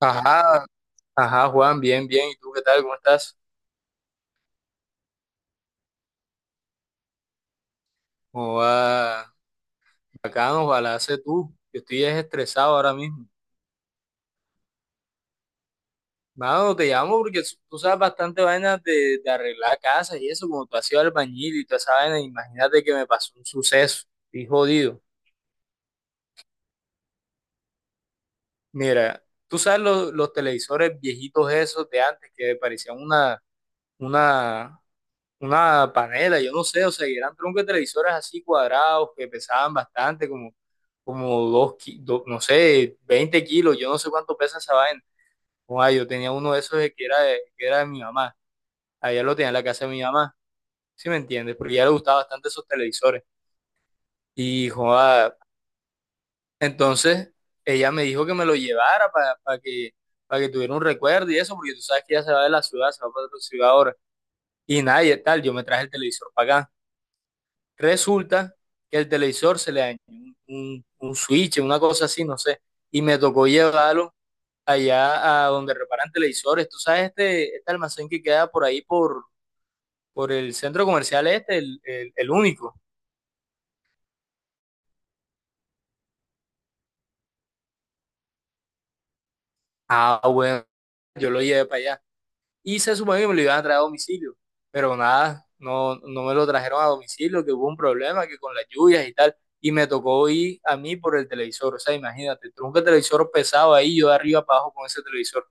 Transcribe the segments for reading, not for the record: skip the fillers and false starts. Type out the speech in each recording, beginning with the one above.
Ajá, ajá, Juan, bien, bien. ¿Y tú qué tal? ¿Cómo estás? ¿Cómo va? Bacano, ojalá sé tú. Yo estoy es estresado ahora mismo. Mano, te llamo porque tú sabes bastante vainas de arreglar casas y eso, como tú has sido albañil y toda esa vaina, imagínate que me pasó un suceso. Estoy jodido. Mira, tú sabes los televisores viejitos esos de antes que parecían una, una panela, yo no sé, o sea, que eran troncos de televisores así cuadrados que pesaban bastante, como dos, no sé, 20 kilos, yo no sé cuánto pesa esa vaina. Oa, yo tenía uno de esos de que era que era de mi mamá. Allá lo tenía en la casa de mi mamá, ¿sí me entiendes? Porque a ella le gustaban bastante esos televisores. Y joa, entonces ella me dijo que me lo llevara para que, para que tuviera un recuerdo y eso, porque tú sabes que ella se va de la ciudad, se va para otra ciudad ahora. Y nada, y tal, yo me traje el televisor para acá. Resulta que el televisor se le dañó un switch, una cosa así, no sé. Y me tocó llevarlo allá a donde reparan televisores. Tú sabes este almacén que queda por ahí por el centro comercial este, el único. Ah, bueno, yo lo llevé para allá. Y se supone que me lo iban a traer a domicilio. Pero nada, no, no me lo trajeron a domicilio, que hubo un problema, que con las lluvias y tal. Y me tocó ir a mí por el televisor. O sea, imagínate, tronco el televisor pesado ahí, yo de arriba para abajo con ese televisor.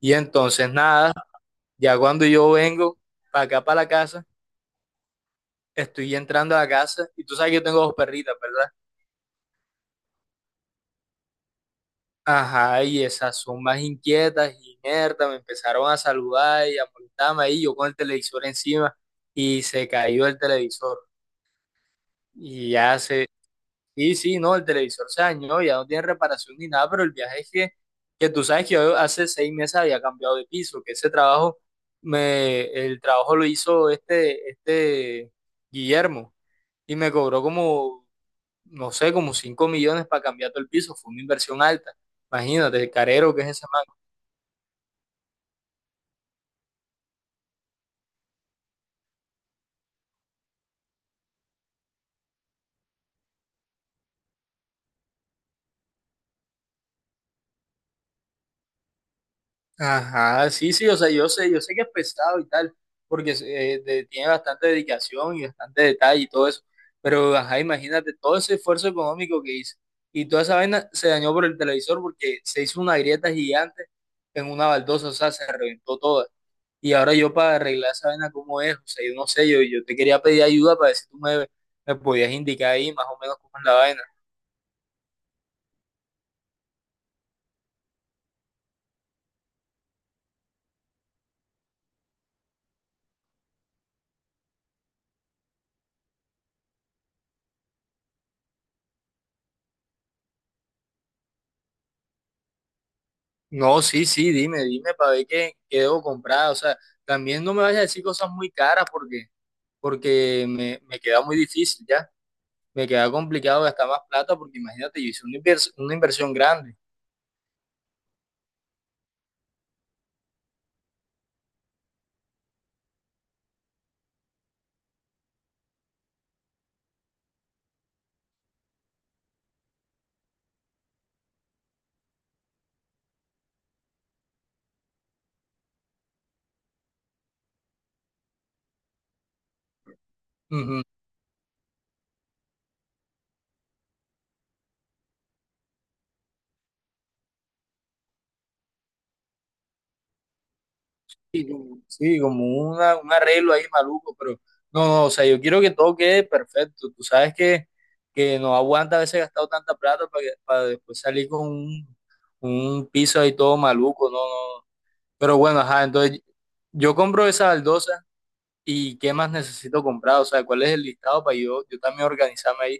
Y entonces nada, ya cuando yo vengo para acá, para la casa, estoy entrando a la casa y tú sabes que yo tengo dos perritas, ¿verdad? Ajá, y esas son más inquietas y inertas, me empezaron a saludar y a molestarme ahí, yo con el televisor encima y se cayó el televisor. Y ya se, sí, sí, no, el televisor se dañó, ya no tiene reparación ni nada, pero el viaje es que tú sabes que yo hace 6 meses había cambiado de piso, que ese trabajo, el trabajo lo hizo este Guillermo y me cobró como, no sé, como 5 millones para cambiar todo el piso, fue una inversión alta. Imagínate, el carero que es ese. Ajá, sí, sí, o sea, yo sé que es pesado y tal, porque tiene bastante dedicación y bastante detalle y todo eso, pero ajá, imagínate todo ese esfuerzo económico que hizo y toda esa vaina se dañó por el televisor porque se hizo una grieta gigante en una baldosa, o sea, se reventó toda. Y ahora yo para arreglar esa vaina, ¿cómo es? O sea, yo no sé, yo te quería pedir ayuda para ver si tú me podías indicar ahí más o menos cómo es la vaina. No, sí, sí, dime, dime para ver qué, qué debo comprar. O sea, también no me vayas a decir cosas muy caras porque, porque me queda muy difícil ya. Me queda complicado gastar más plata porque imagínate, yo hice una inversión grande. Ujú. Sí, como una, un arreglo ahí maluco, pero no, no, o sea, yo quiero que todo quede perfecto. Tú sabes que no aguanta a veces gastado tanta plata para después salir con un piso ahí todo maluco, no, no, no. Pero bueno, ajá, entonces yo compro esa baldosa y qué más necesito comprar, o sea, cuál es el listado para yo, yo también organizarme ahí.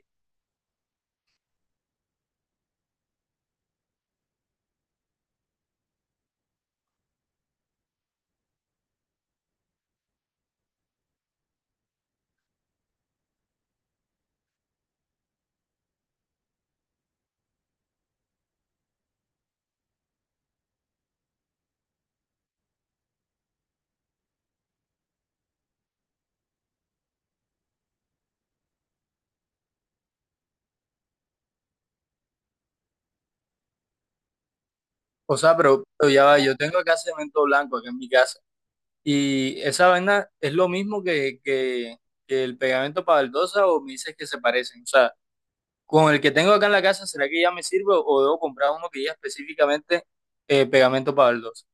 O sea, pero ya va, yo tengo acá cemento blanco acá en mi casa y esa vaina es lo mismo que el pegamento para baldosa o me dices que se parecen. O sea, con el que tengo acá en la casa, ¿será que ya me sirve o debo comprar uno que ya específicamente pegamento para baldosa?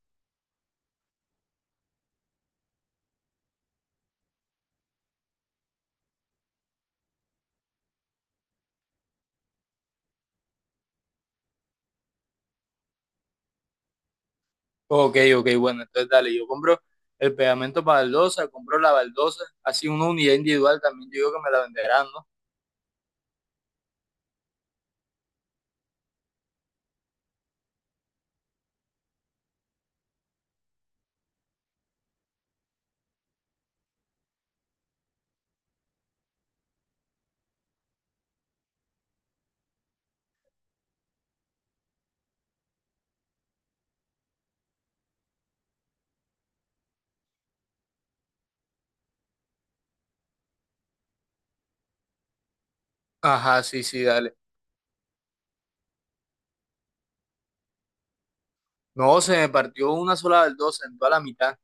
Ok, ok, bueno, entonces dale, yo compro el pegamento para baldosa, compro la baldosa, así una unidad individual también, yo digo que me la venderán, ¿no? Ajá, sí, sí, dale. No, se me partió una sola del dos, se entró a la mitad.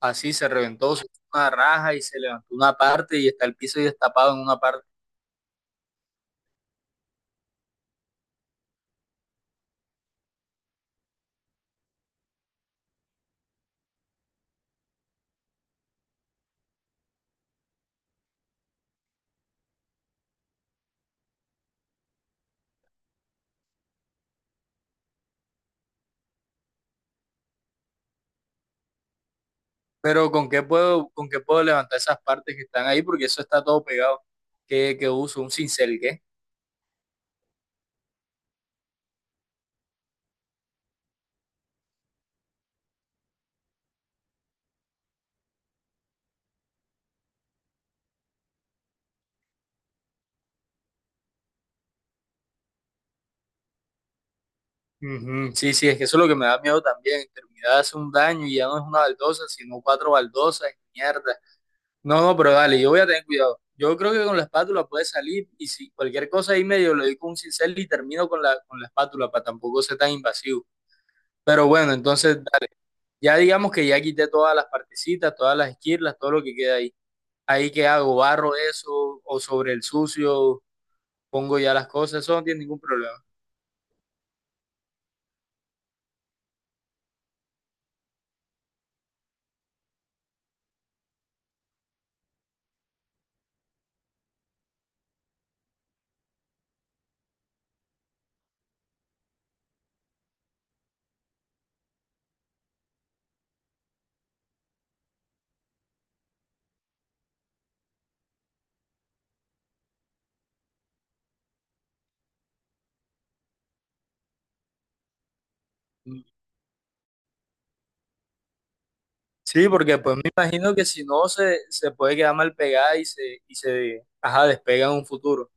Así se reventó, se hizo una raja y se levantó una parte y está el piso destapado en una parte. Pero ¿con qué puedo levantar esas partes que están ahí? Porque eso está todo pegado. ¿Qué, qué uso? ¿Un cincel, qué? Ujú, sí, sí, es que eso es lo que me da miedo también. Terminar de hacer un daño y ya no es una baldosa, sino cuatro baldosas y mierda. No, no, pero dale, yo voy a tener cuidado. Yo creo que con la espátula puede salir y si cualquier cosa ahí medio lo doy con un cincel y termino con con la espátula para tampoco ser tan invasivo. Pero bueno, entonces dale. Ya digamos que ya quité todas las partecitas, todas las esquirlas, todo lo que queda ahí. Ahí que hago, barro eso, o sobre el sucio, pongo ya las cosas, eso no tiene ningún problema. Mm. Sí, porque pues me imagino que si no se puede quedar mal pegada y se ajá, despega en un futuro.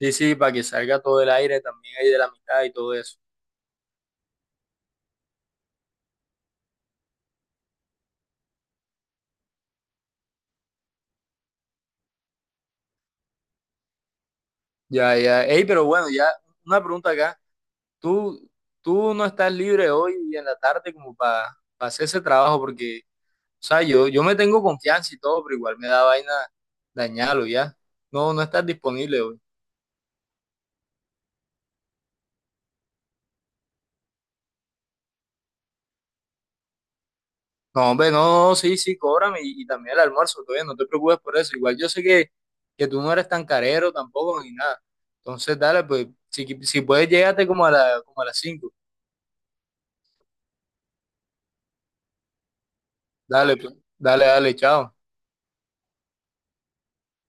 Sí, sí, para que salga todo el aire también ahí de la mitad y todo eso. Ya, ya. Ey, pero bueno, ya una pregunta acá. ¿Tú, ¿Tú no estás libre hoy en la tarde como para hacer ese trabajo? Porque o sea, yo me tengo confianza y todo, pero igual me da vaina dañarlo ya. No, no estás disponible hoy. No, hombre, no, no, sí, sí, cóbrame y también el almuerzo, todavía no te preocupes por eso. Igual yo sé que tú no eres tan carero tampoco ni nada. Entonces, dale, pues, si puedes, llégate como a las 5. Dale, pues, dale, dale, chao.